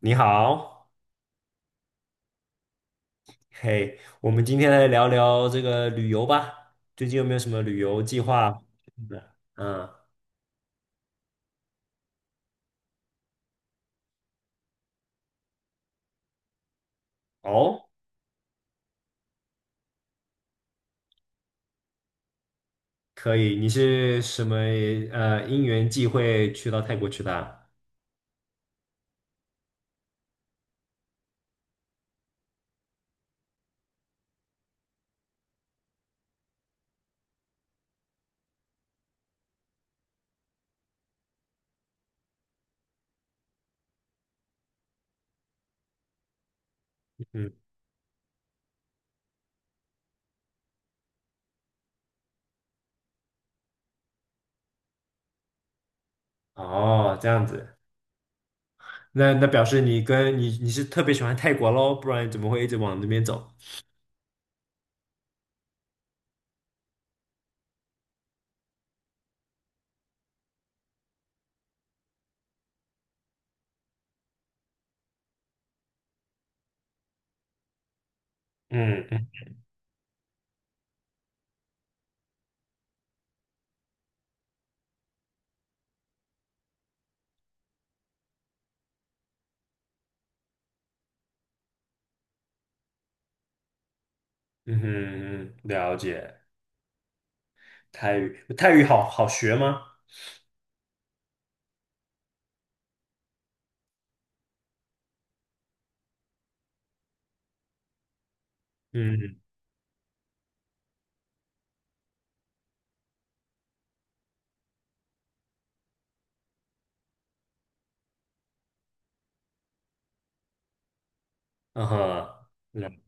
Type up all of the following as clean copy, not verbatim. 你好。嘿，我们今天来聊聊这个旅游吧。最近有没有什么旅游计划？嗯。哦，可以。你是什么因缘际会去到泰国去的啊。嗯。哦，这样子。那表示你跟你是特别喜欢泰国喽，不然你怎么会一直往那边走？嗯嗯。嗯哼，了解。泰语，泰语好好学吗？嗯。嗯哼。嗯。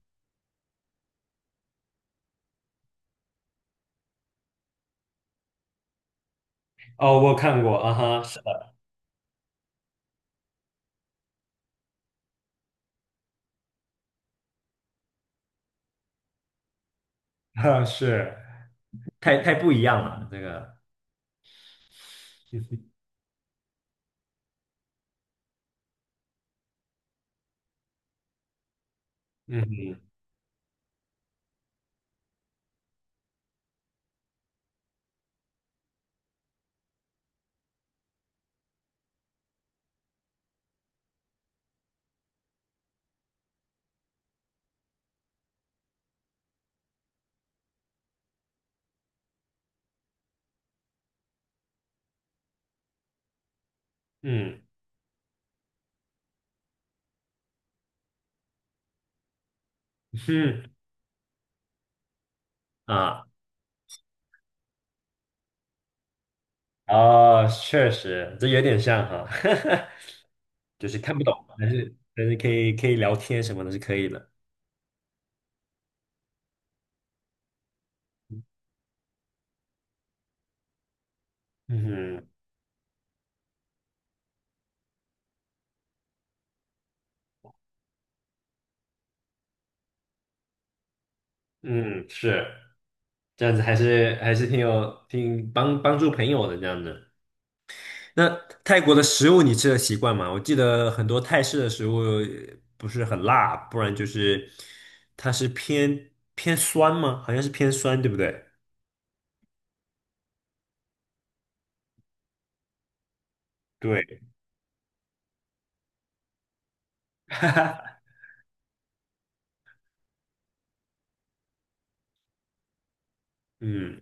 哦，我看过啊哈，是的。啊是。太不一样了，这个。嗯哼。嗯哼。啊。哦，确实，这有点像哈。就是看不懂，但是可以聊天什么的是可以的。嗯哼。嗯，是这样子，还是挺帮助朋友的这样子。那泰国的食物你吃的习惯吗？我记得很多泰式的食物不是很辣，不然就是它是偏酸吗？好像是偏酸，对不对？对。嗯，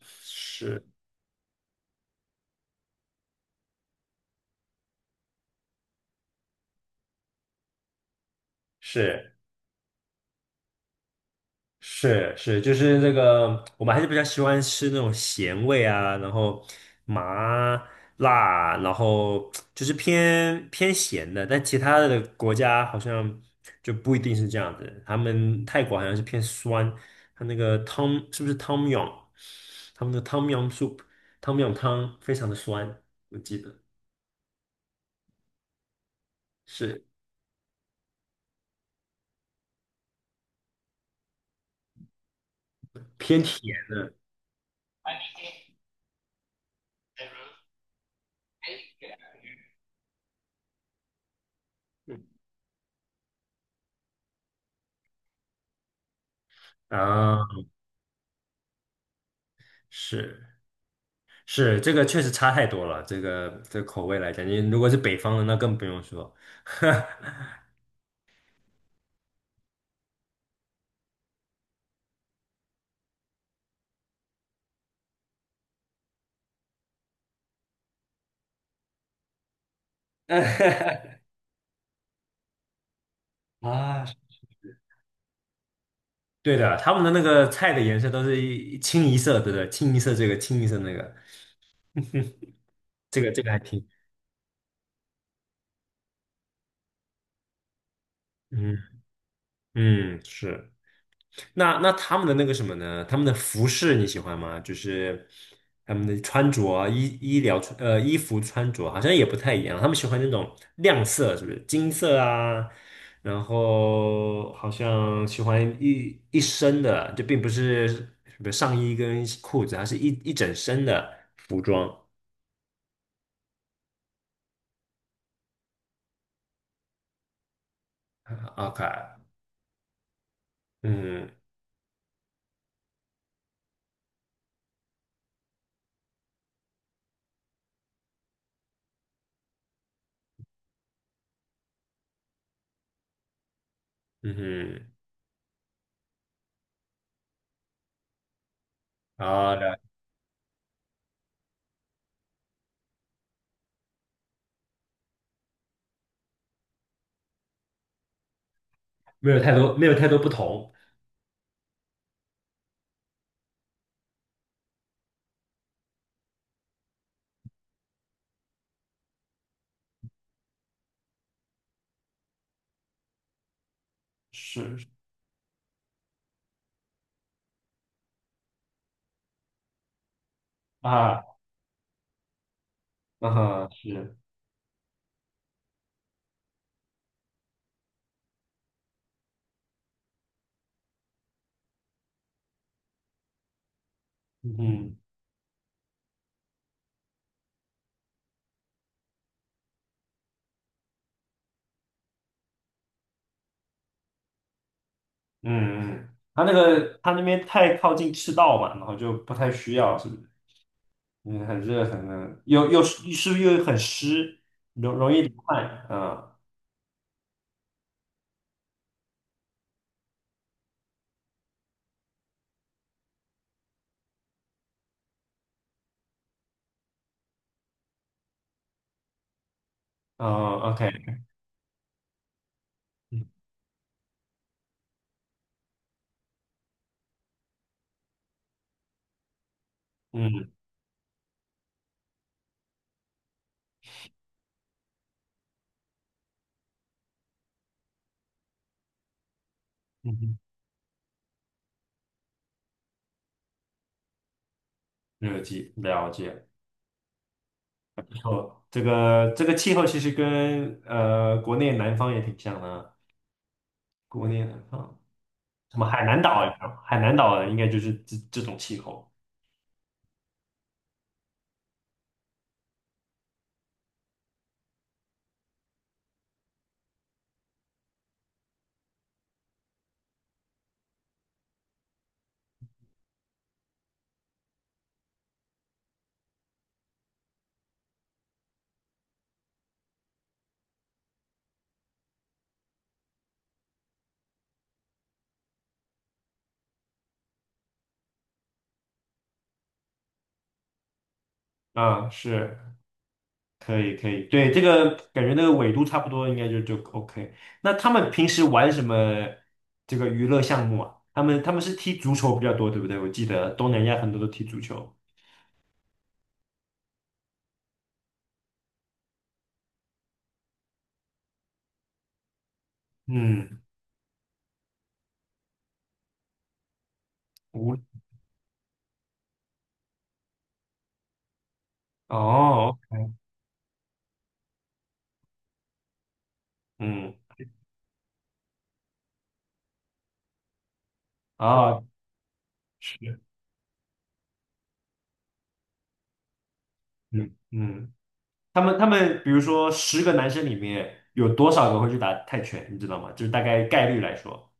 是。是是是，就是这个，我们还是比较喜欢吃那种咸味啊，然后麻辣，然后就是偏咸的，但其他的国家好像就不一定是这样子。他们泰国好像是偏酸，他那个汤是不是汤姆 m， 他们的汤姆 m soup， 汤姆 m 汤非常的酸，我记得。是偏甜的。啊，是。是这个确实差太多了，这个口味来讲，你如果是北方的，那更不用说。啊，对的，他们的那个菜的颜色都是一清一色，对不对？清一色这个，清一色那个。这个还挺。嗯嗯是。那他们的那个什么呢？他们的服饰你喜欢吗？就是他们的穿着啊衣服穿着好像也不太一样，他们喜欢那种亮色，是不是金色啊？然后好像喜欢一身的，就并不是什么上衣跟裤子，它是一整身的服装。啊 OK。嗯。嗯哼。啊。了。没有太多不同。是啊。啊哈，是。嗯哼。嗯嗯，他那个他那边太靠近赤道嘛，然后就不太需要，是不是？嗯，很热，很热，又又是是不是又很湿，容易流汗？嗯。嗯，OK。嗯嗯嗯。嗯。热季了解，不错。这个气候其实跟国内南方也挺像的啊，国内南方什么海南岛有没有海南岛啊，应该就是这种气候。啊，是。可以可以，对，这个感觉那个纬度差不多，应该就 OK。那他们平时玩什么这个娱乐项目啊？他们是踢足球比较多，对不对？我记得东南亚很多都踢足球。嗯。无哦，OK。嗯。啊，是。嗯嗯，他们比如说10个男生里面有多少个会去打泰拳，你知道吗？就是大概概率来说。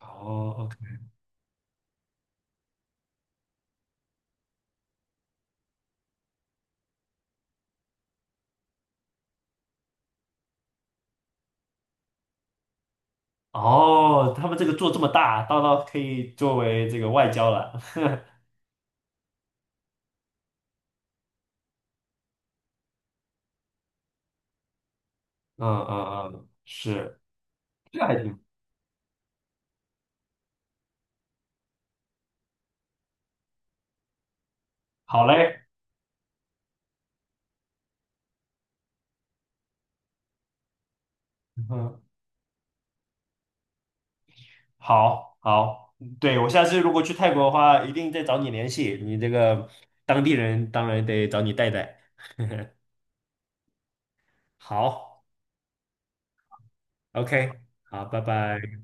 哦，OK。哦，他们这个做这么大，到可以作为这个外交了。嗯嗯嗯，是。这个还挺。好嘞。嗯，好，好，嗯对，我下次如果去泰国的话，一定再找你联系。你这个当地人当然得找你带带。好，OK，好，拜拜。